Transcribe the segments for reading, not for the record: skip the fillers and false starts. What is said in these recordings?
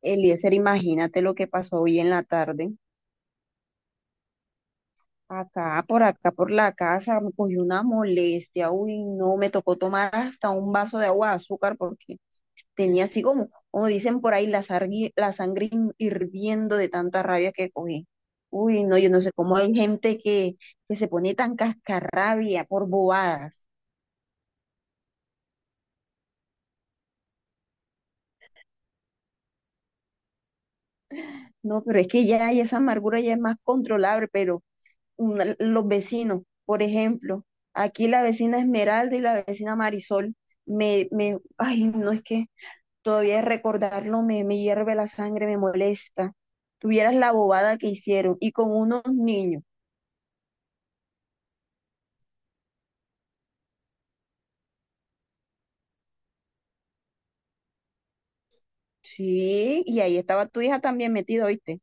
Eliezer, imagínate lo que pasó hoy en la tarde. Acá, por acá, por la casa, me cogió una molestia. Uy, no, me tocó tomar hasta un vaso de agua de azúcar porque tenía así como, como dicen por ahí, la sangre hirviendo de tanta rabia que cogí. Uy, no, yo no sé cómo hay gente que se pone tan cascarrabia por bobadas. No, pero es que ya, ya esa amargura ya es más controlable, pero los vecinos. Por ejemplo, aquí la vecina Esmeralda y la vecina Marisol, ay, no es que todavía recordarlo me hierve la sangre, me molesta. Tuvieras la bobada que hicieron y con unos niños. Sí, y ahí estaba tu hija también metida, ¿oíste?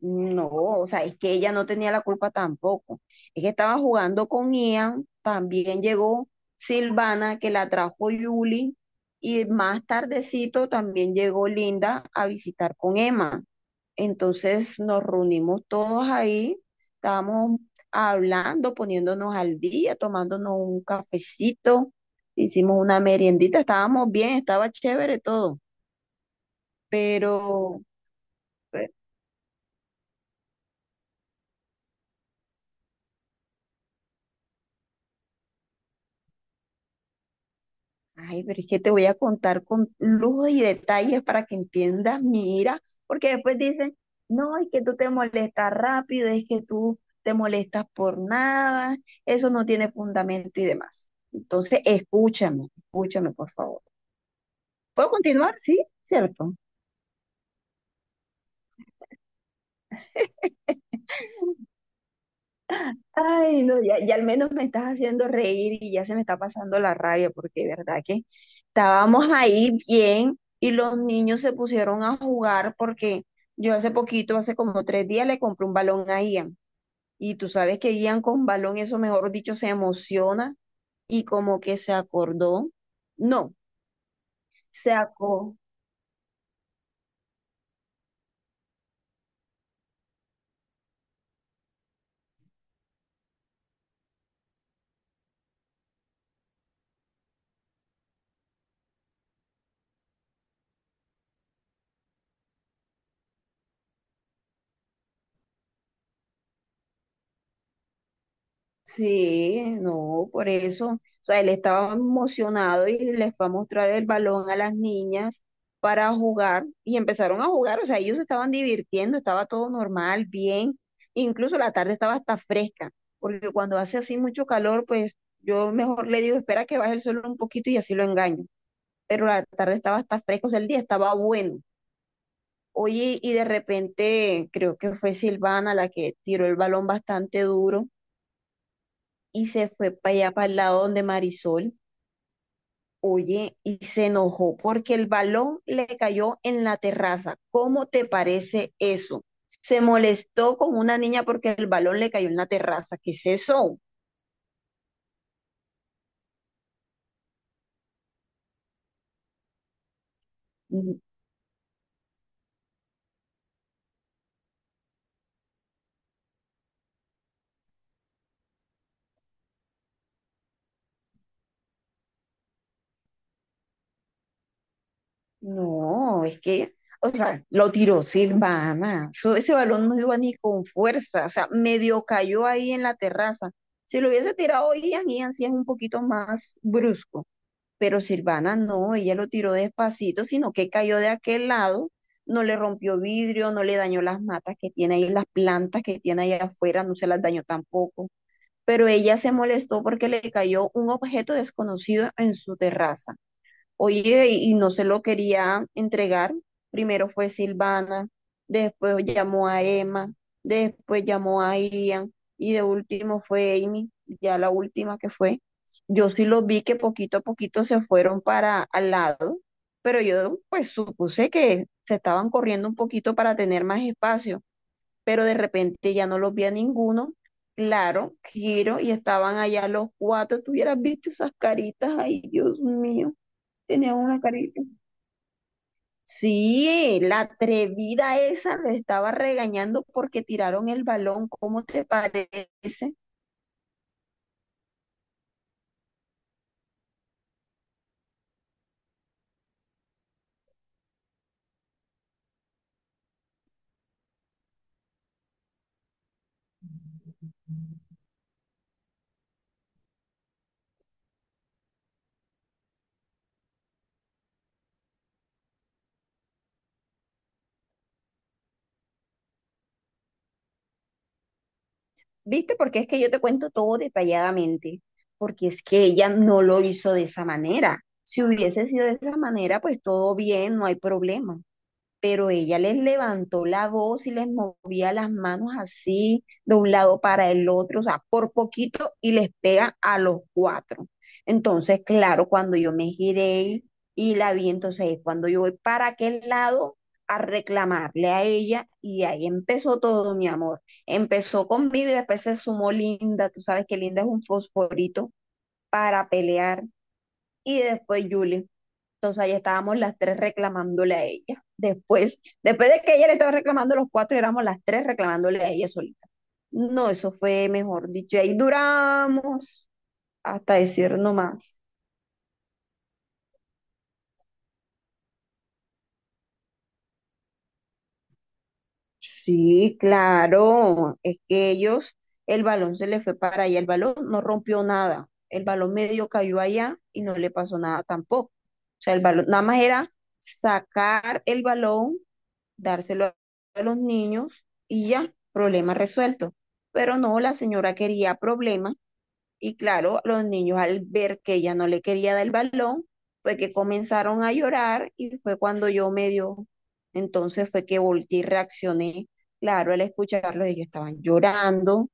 No, o sea, es que ella no tenía la culpa tampoco. Es que estaba jugando con Ian, también llegó Silvana, que la trajo Julie, y más tardecito también llegó Linda a visitar con Emma. Entonces nos reunimos todos ahí, estábamos hablando, poniéndonos al día, tomándonos un cafecito, hicimos una meriendita, estábamos bien, estaba chévere todo, pero... Ay, pero es que te voy a contar con lujo y detalles para que entiendas mi ira, porque después dicen, no, es que tú te molestas rápido, es que tú te molestas por nada, eso no tiene fundamento y demás. Entonces, escúchame, escúchame, por favor. ¿Puedo continuar? Sí, cierto. Ay, no, ya, ya al menos me estás haciendo reír y ya se me está pasando la rabia, porque de verdad que estábamos ahí bien y los niños se pusieron a jugar porque yo hace poquito, hace como 3 días, le compré un balón a Ian. Y tú sabes que Ian con balón, eso mejor dicho, se emociona y como que se acordó. No, se acordó. Sí, no, por eso. O sea, él estaba emocionado y les fue a mostrar el balón a las niñas para jugar y empezaron a jugar. O sea, ellos estaban divirtiendo, estaba todo normal, bien. Incluso la tarde estaba hasta fresca, porque cuando hace así mucho calor, pues yo mejor le digo, espera que baje el sol un poquito y así lo engaño. Pero la tarde estaba hasta fresca, o sea, el día estaba bueno. Oye, y de repente creo que fue Silvana la que tiró el balón bastante duro y se fue para allá, para el lado donde Marisol, oye, y se enojó porque el balón le cayó en la terraza. ¿Cómo te parece eso? Se molestó con una niña porque el balón le cayó en la terraza. ¿Qué es eso? N- No, es que, o sea, lo tiró Silvana. Ese balón no iba ni con fuerza, o sea, medio cayó ahí en la terraza. Si lo hubiese tirado Ian, Ian sí es un poquito más brusco. Pero Silvana no, ella lo tiró despacito, sino que cayó de aquel lado, no le rompió vidrio, no le dañó las matas que tiene ahí, las plantas que tiene ahí afuera, no se las dañó tampoco. Pero ella se molestó porque le cayó un objeto desconocido en su terraza. Oye, y no se lo quería entregar. Primero fue Silvana, después llamó a Emma, después llamó a Ian y de último fue Amy, ya la última que fue. Yo sí los vi que poquito a poquito se fueron para al lado, pero yo pues supuse que se estaban corriendo un poquito para tener más espacio, pero de repente ya no los vi a ninguno. Claro, giro y estaban allá los cuatro. Tú hubieras visto esas caritas, ay, Dios mío. Tenía una carita. Sí, la atrevida esa lo estaba regañando porque tiraron el balón. ¿Cómo te parece? ¿Viste? Porque es que yo te cuento todo detalladamente. Porque es que ella no lo hizo de esa manera. Si hubiese sido de esa manera, pues todo bien, no hay problema. Pero ella les levantó la voz y les movía las manos así de un lado para el otro, o sea, por poquito y les pega a los cuatro. Entonces, claro, cuando yo me giré y, la vi, entonces es cuando yo voy para aquel lado a reclamarle a ella y ahí empezó todo, mi amor. Empezó conmigo y después se sumó Linda, tú sabes que Linda es un fosforito para pelear y después Julie. Entonces ahí estábamos las tres reclamándole a ella. Después, después de que ella le estaba reclamando los cuatro, éramos las tres reclamándole a ella solita. No, eso fue mejor dicho. Ahí duramos hasta decir no más. Sí, claro, es que ellos, el balón se le fue para allá, el balón no rompió nada, el balón medio cayó allá y no le pasó nada tampoco. O sea, el balón, nada más era sacar el balón dárselo a los niños y ya, problema resuelto. Pero no, la señora quería problema y claro, los niños al ver que ella no le quería dar el balón, fue que comenzaron a llorar y fue cuando yo medio, entonces fue que volteé y reaccioné. Claro, al escucharlos ellos estaban llorando.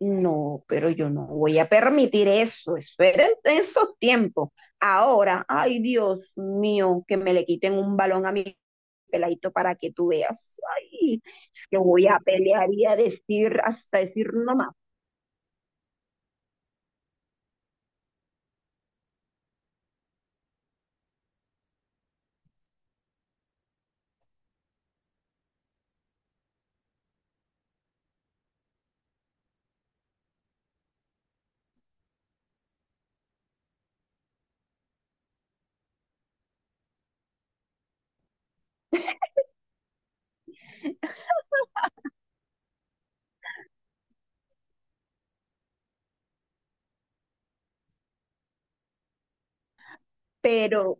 No, pero yo no voy a permitir eso. Eso era en esos tiempos. Ahora, ay Dios mío, que me le quiten un balón a mi peladito para que tú veas. Ay, es que voy a pelear y a decir hasta decir no más. Pero,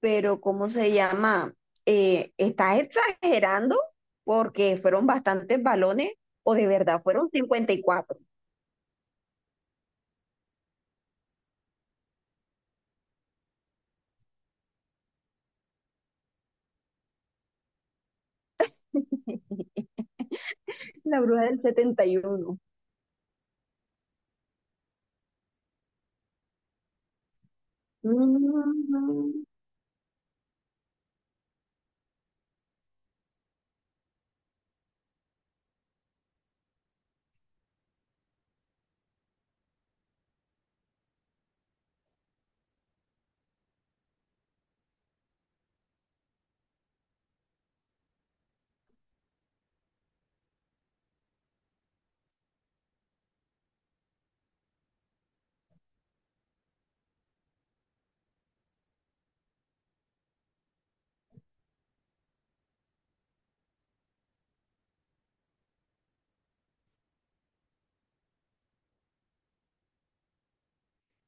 pero, ¿cómo se llama? ¿Estás exagerando? Porque fueron bastantes balones o de verdad fueron 54. La bruja del 71. Mm.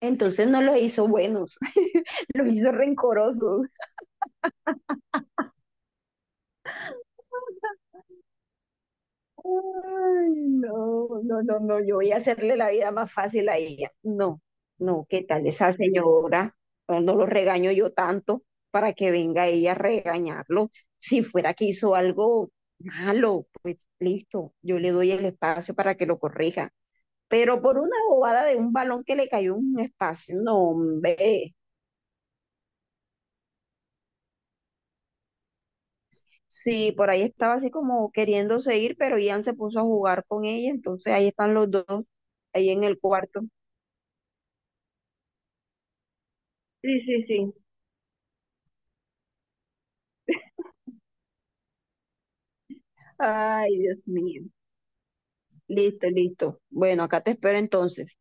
Entonces no los hizo buenos, los hizo rencorosos. Ay, no, no, no, no, yo voy a hacerle la vida más fácil a ella. No, no, ¿qué tal esa señora? No no lo regaño yo tanto para que venga ella a regañarlo. Si fuera que hizo algo malo, pues listo, yo le doy el espacio para que lo corrija. Pero por una bobada de un balón que le cayó en un espacio, no, hombre. Sí, por ahí estaba así como queriéndose ir, pero Ian se puso a jugar con ella, entonces ahí están los dos, ahí en el cuarto. Sí, sí, sí. Ay, Dios mío. Listo, listo. Bueno, acá te espero entonces.